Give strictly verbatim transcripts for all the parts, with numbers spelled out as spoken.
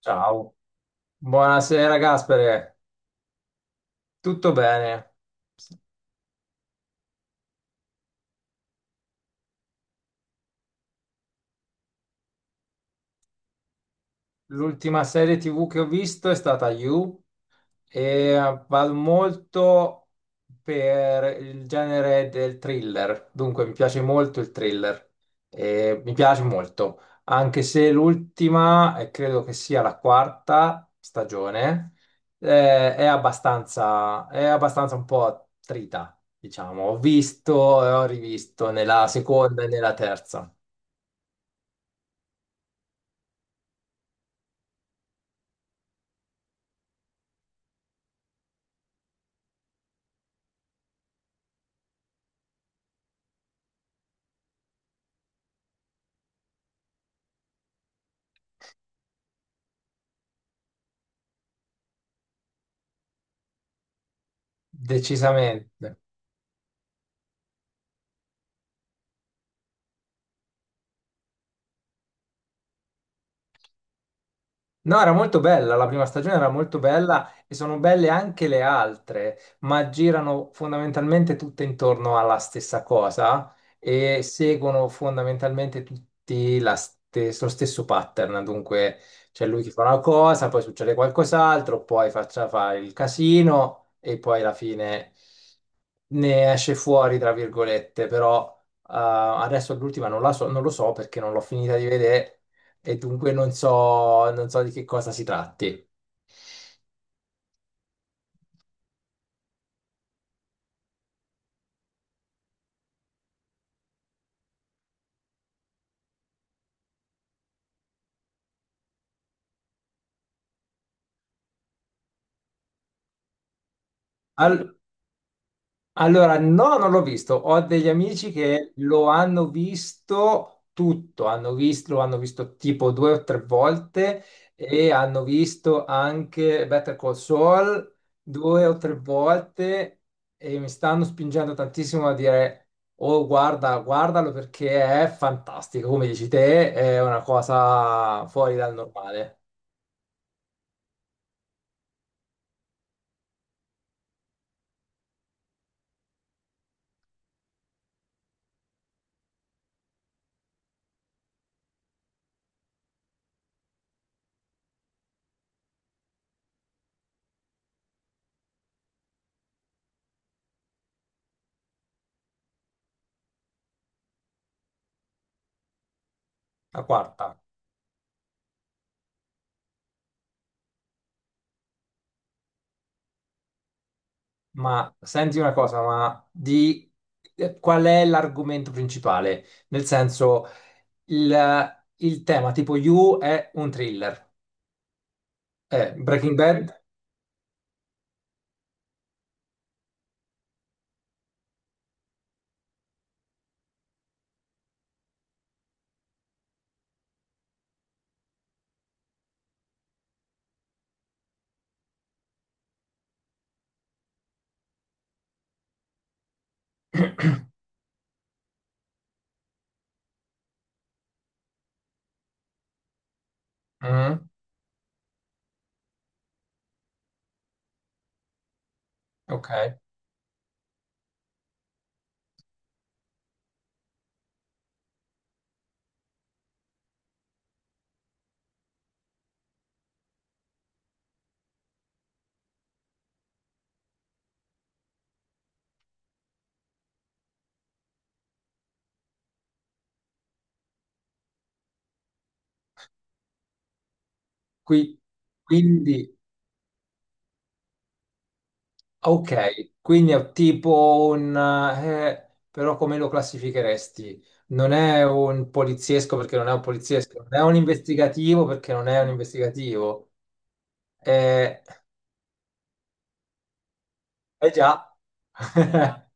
Ciao, buonasera Gaspere, tutto bene? L'ultima serie T V che ho visto è stata You, e vado molto per il genere del thriller, dunque mi piace molto il thriller, e mi piace molto, anche se l'ultima, e credo che sia la quarta stagione, eh, è abbastanza, è abbastanza un po' attrita, diciamo. Ho visto e ho rivisto nella seconda e nella terza, decisamente. No, era molto bella, la prima stagione era molto bella e sono belle anche le altre, ma girano fondamentalmente tutte intorno alla stessa cosa e seguono fondamentalmente tutti la stes- lo stesso pattern. Dunque, c'è lui che fa una cosa, poi succede qualcos'altro, poi faccia fa il casino e poi alla fine ne esce fuori, tra virgolette, però eh, adesso l'ultima non la so, non lo so perché non l'ho finita di vedere e dunque non so, non so di che cosa si tratti. Al- allora, no, non l'ho visto. Ho degli amici che lo hanno visto tutto, hanno visto, lo hanno visto tipo due o tre volte e hanno visto anche Better Call Saul due o tre volte e mi stanno spingendo tantissimo a dire. Oh, guarda, guardalo perché è fantastico, come dici te, è una cosa fuori dal normale. La quarta. Ma senti una cosa, ma di eh, qual è l'argomento principale? Nel senso, il, il tema tipo You è un thriller. Eh, Breaking Bad? Mm, ok. Qui- quindi, ok, quindi è tipo un... eh, però come lo classificheresti? Non è un poliziesco perché non è un poliziesco, non è un investigativo perché non è un investigativo. Eh, eh già.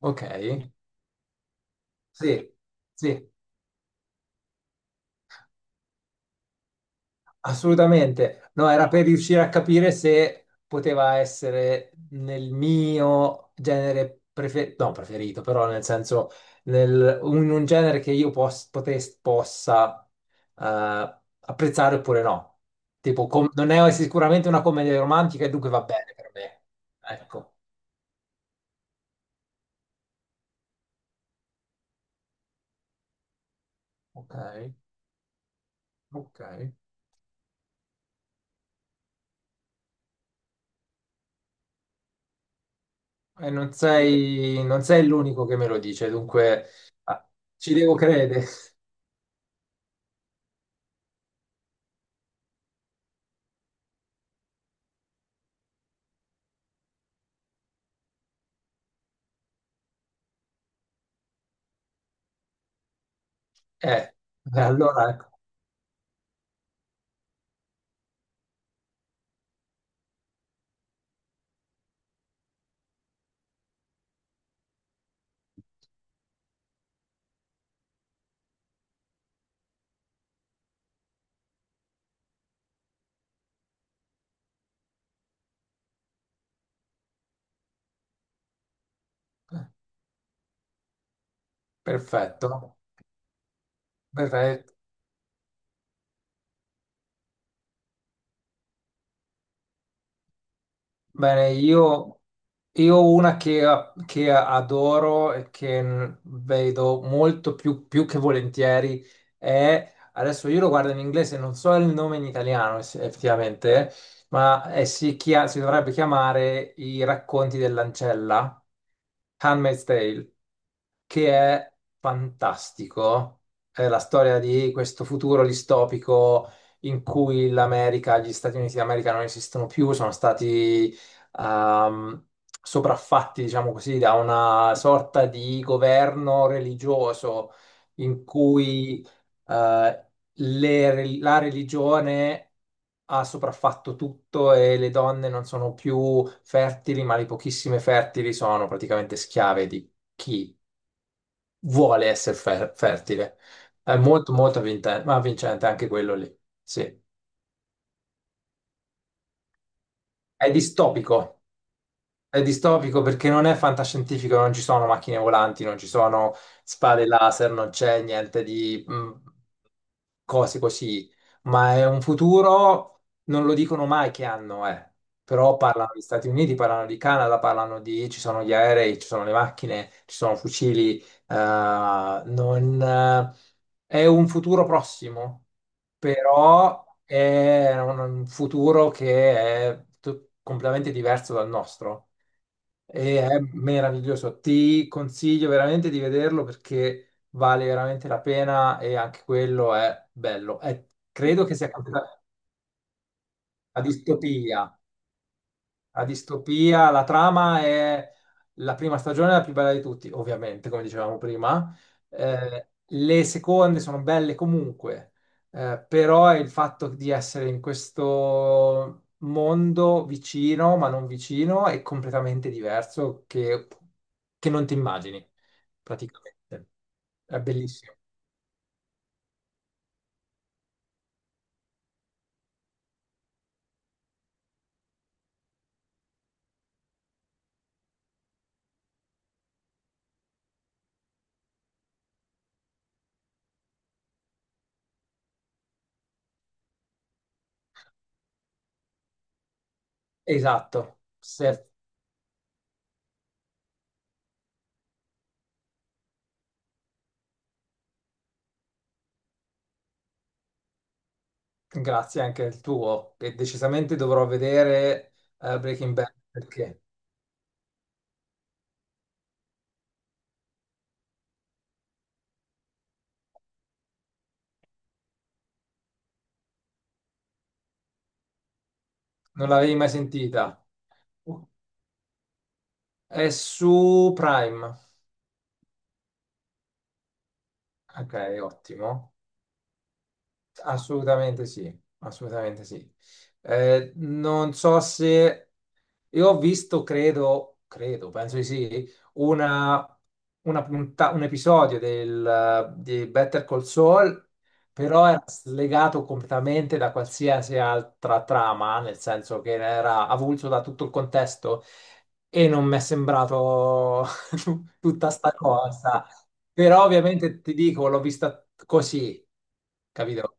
Ok. Sì, sì, assolutamente. No, era per riuscire a capire se poteva essere nel mio genere preferito, no, preferito, però nel senso, nel, un, un genere che io pos- potes- possa eh, apprezzare oppure no. Tipo, com- non è sicuramente una commedia romantica e dunque va bene per me. Ecco, ok, ok. E non sei, non sei l'unico che me lo dice, dunque ah, ci devo credere. Eh, eh, allora, ecco, perfetto, perfetto. Bene, io, io ho una che, che adoro e che vedo molto più, più che volentieri è, adesso io lo guardo in inglese, non so il nome in italiano es- effettivamente, ma eh, si, chia- si dovrebbe chiamare I racconti dell'ancella, Handmaid's Tale che è fantastico. È la storia di questo futuro distopico in cui l'America, gli Stati Uniti d'America non esistono più, sono stati ehm, sopraffatti, diciamo così, da una sorta di governo religioso in cui eh, le- la religione ha sopraffatto tutto e le donne non sono più fertili, ma le pochissime fertili sono praticamente schiave di chi vuole essere fer- fertile. È molto, molto avvinta- ma vincente anche quello lì. Sì. È distopico. È distopico perché non è fantascientifico, non ci sono macchine volanti, non ci sono spade laser, non c'è niente di mm, cose così, ma è un futuro, non lo dicono mai che anno è, però parlano di Stati Uniti, parlano di Canada, parlano di, ci sono gli aerei, ci sono le macchine, ci sono fucili, eh, non, eh, è un futuro prossimo, però è un un futuro che è tut- completamente diverso dal nostro. E è meraviglioso. Ti consiglio veramente di vederlo perché vale veramente la pena e anche quello è bello. È- credo che sia campionato a distopia a distopia, la trama è la prima stagione è la più bella di tutti, ovviamente, come dicevamo prima. Eh, le seconde sono belle comunque, eh, però è il fatto di essere in questo mondo vicino, ma non vicino, è completamente diverso che, che non ti immagini, praticamente. È bellissimo. Esatto. Se- grazie anche al tuo, e decisamente dovrò vedere eh, Breaking Bad perché non l'avevi mai sentita? È su Prime. Ok, ottimo. Assolutamente sì, assolutamente sì. Eh, non so se io ho visto, credo, credo, penso di sì, una, una punta- un episodio del, di Better Call Saul, però era slegato completamente da qualsiasi altra trama, nel senso che era avulso da tutto il contesto e non mi è sembrato tu- tutta sta cosa. Però ovviamente ti dico, l'ho vista così, capito?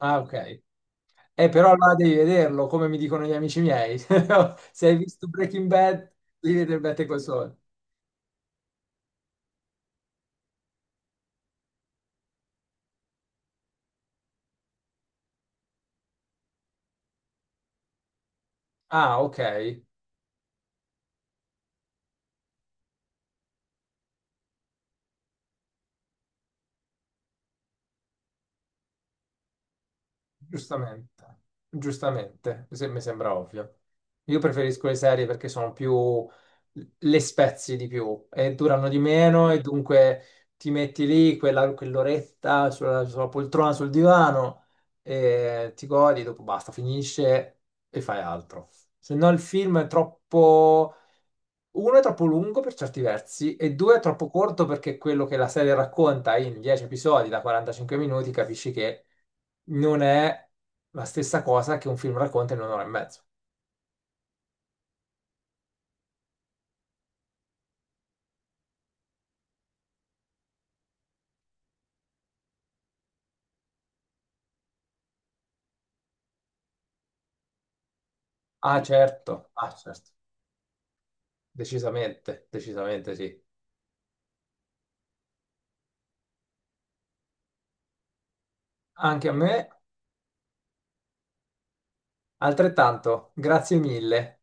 Ah, ok. Eh, però allora devi vederlo, come mi dicono gli amici miei. Se hai visto Breaking Bad, devi vedere Better Call Saul. Ah, ok. Giustamente. Giustamente. Se- mi sembra ovvio. Io preferisco le serie perché sono più... le spezzi di più e durano di meno e dunque ti metti lì quella- quell'oretta sulla, sulla poltrona, sul divano e ti godi, dopo basta, finisce e fai altro. Se no il film è troppo uno è troppo lungo per certi versi e due è troppo corto perché quello che la serie racconta in dieci episodi da quarantacinque minuti capisci che non è la stessa cosa che un film racconta in un'ora e mezzo. Ah, certo, ah, certo, decisamente, decisamente sì. Anche a me, altrettanto, grazie mille.